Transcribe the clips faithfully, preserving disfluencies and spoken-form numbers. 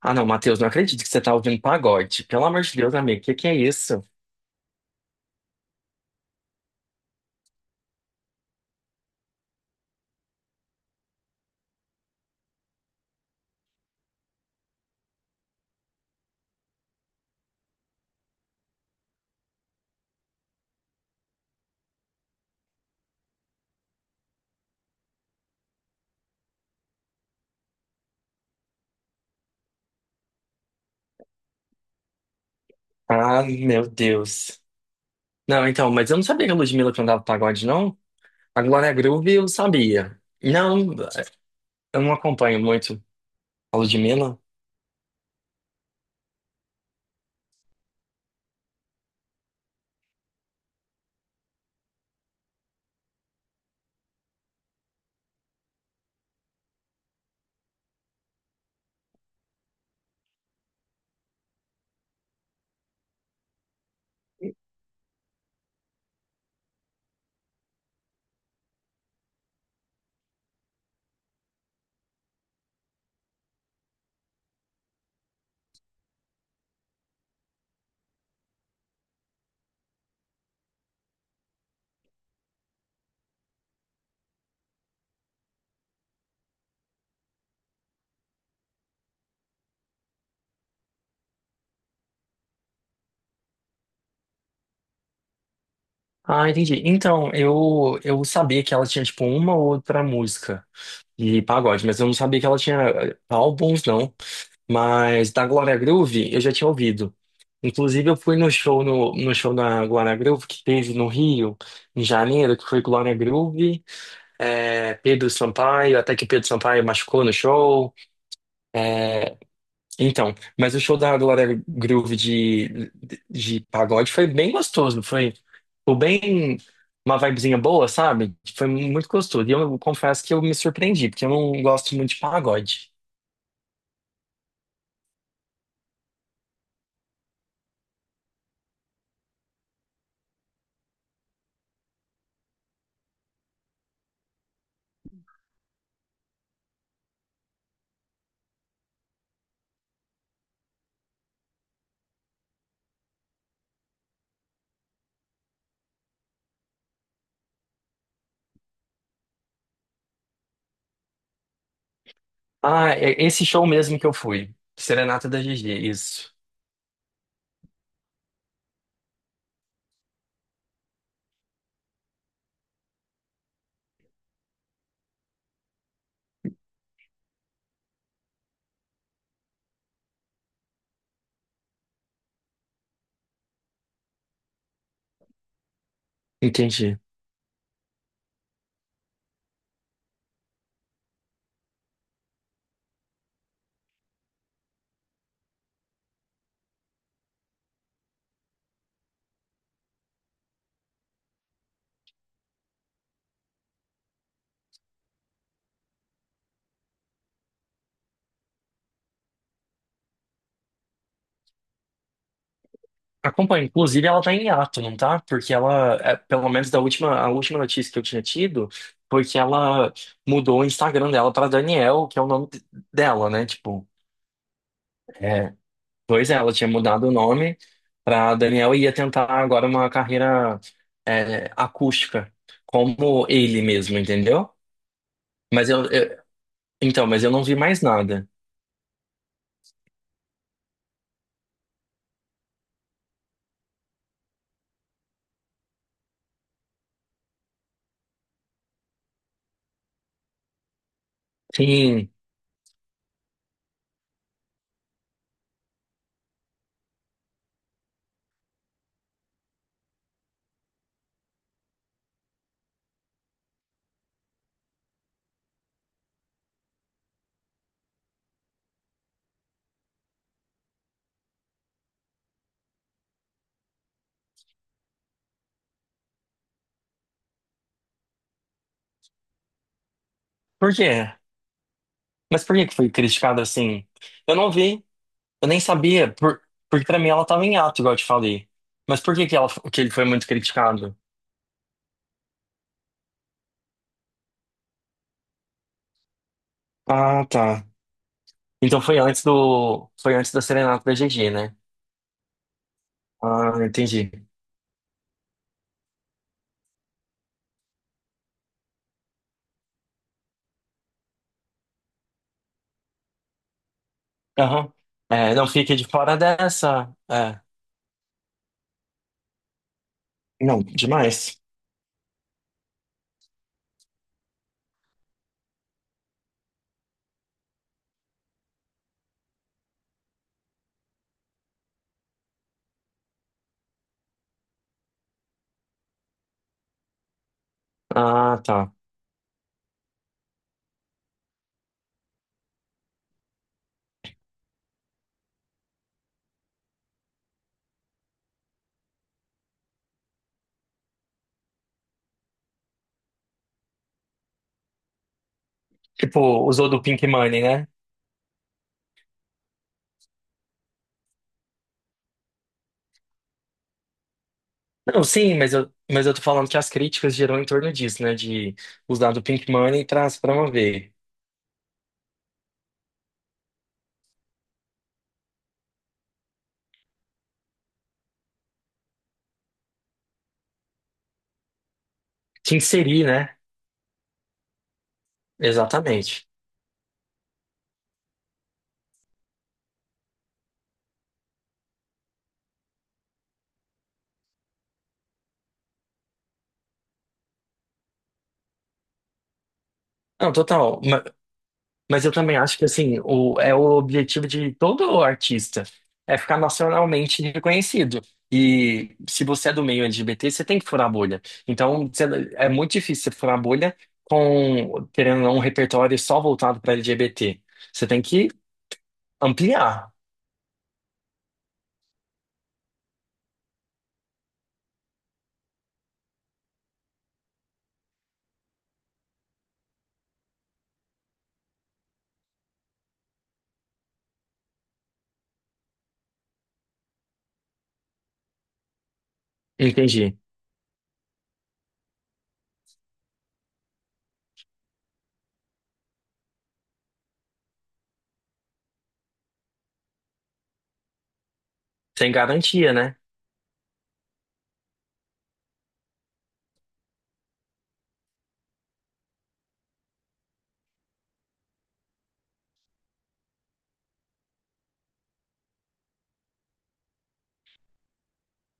Ah, não, Matheus, não acredito que você tá ouvindo pagode. Pelo amor de Deus, amigo, o que que é isso? Ah, meu Deus. Não, então, mas eu não sabia que a Ludmilla cantava pagode, não? A Glória Groove eu sabia. Não, eu não acompanho muito a Ludmilla. Ah, entendi. Então, eu, eu sabia que ela tinha, tipo, uma ou outra música. E pagode, mas eu não sabia que ela tinha eh, álbuns, não. Mas da Glória Groove eu já tinha ouvido. Inclusive, eu fui no show, no, no show da Glória Groove que teve no Rio, em janeiro, que foi Glória Groove, eh, Pedro Sampaio, até que Pedro Sampaio machucou no show. eh, então, mas o show da Glória Groove de, de pagode foi bem gostoso, foi, foi bem uma vibezinha boa, sabe? Foi muito gostoso. E eu confesso que eu me surpreendi, porque eu não gosto muito de pagode. Ah, é esse show mesmo que eu fui. Serenata da G G, isso. Entendi. Acompanho. Inclusive, ela tá em hiato, não tá? Porque ela, é, pelo menos da última, a última notícia que eu tinha tido, foi que ela mudou o Instagram dela pra Daniel, que é o nome de- dela, né? Tipo. É. Pois é, ela tinha mudado o nome para Daniel e ia tentar agora uma carreira é, acústica, como ele mesmo, entendeu? Mas eu, eu- então, mas eu não vi mais nada. Sim. Por quê? Mas por que que foi criticado assim? Eu não vi, eu nem sabia, por, porque pra mim ela tava em ato, igual eu te falei. Mas por que que ela, que ele foi muito criticado? Ah, tá. Então foi antes do, foi antes da serenata da G G, né? Ah, entendi. Aham. É, não fique de fora dessa. É. Não, demais. Ah, tá. Tipo, usou do Pink Money, né? Não, sim, mas eu, mas eu tô falando que as críticas giram em torno disso, né? De usar do Pink Money para se promover. Te inserir, né? Exatamente. Não, total. Mas eu também acho que assim, o, é o objetivo de todo artista, é ficar nacionalmente reconhecido. E se você é do meio L G B T, você tem que furar a bolha. Então, você- é muito difícil você furar a bolha com, querendo ou não, um repertório só voltado para L G B T. Você tem que ampliar, entendi. Sem garantia, né?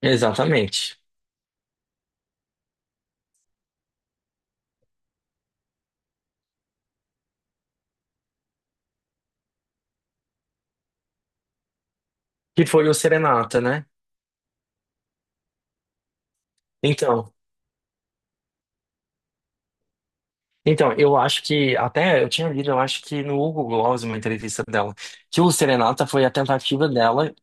Exatamente. Que foi o Serenata, né? Então, então, eu acho que, até eu tinha lido, eu acho que no Hugo Gloss, uma entrevista dela, que o Serenata foi a tentativa dela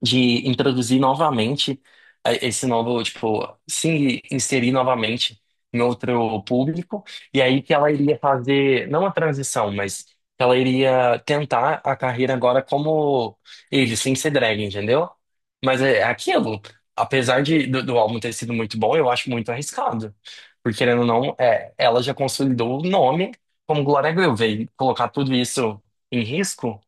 de introduzir novamente a- esse novo, tipo, se inserir novamente em outro público, e aí que ela iria fazer, não a transição, mas que ela iria tentar a carreira agora como ele, sem ser drag, entendeu? Mas é é aquilo, apesar de, do, do álbum ter sido muito bom, eu acho muito arriscado, porque querendo ou não, é, ela já consolidou o nome como Glória Groove, e colocar tudo isso em risco,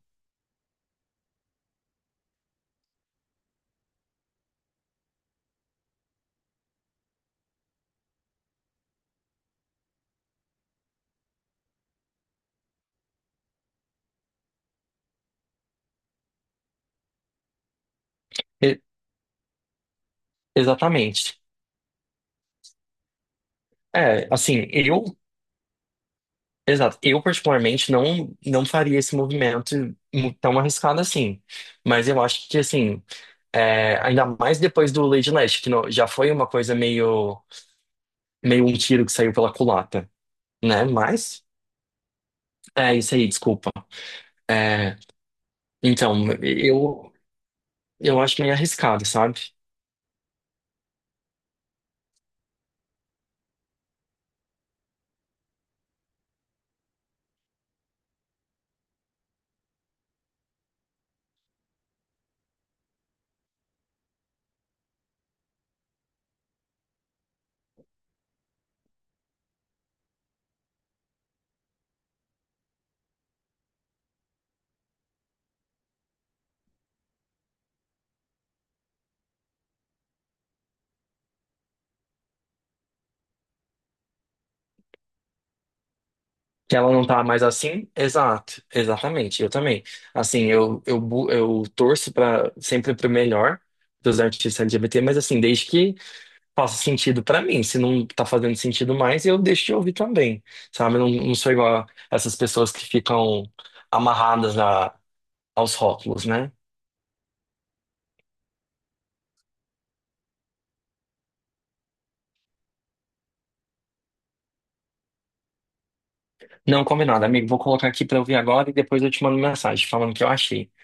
e- exatamente. É, assim, eu Exato. Eu, particularmente, não, não faria esse movimento mu- tão arriscado assim. Mas eu acho que, assim, é, ainda mais depois do Lady Leste, que não- já foi uma coisa meio, meio um tiro que saiu pela culata, né? Mas, é isso aí, desculpa. É, então, eu, eu acho meio arriscado, sabe? Que ela não tá mais assim? Exato, exatamente, eu também. Assim, eu, eu, bu- eu torço para sempre pro melhor dos artistas L G B T, mas assim, desde que faça sentido pra mim. Se não tá fazendo sentido mais, eu deixo de ouvir também, sabe? Eu não, não sou igual a essas pessoas que ficam amarradas a, aos rótulos, né? Não, combinado, amigo. Vou colocar aqui pra ouvir agora e depois eu te mando mensagem falando o que eu achei.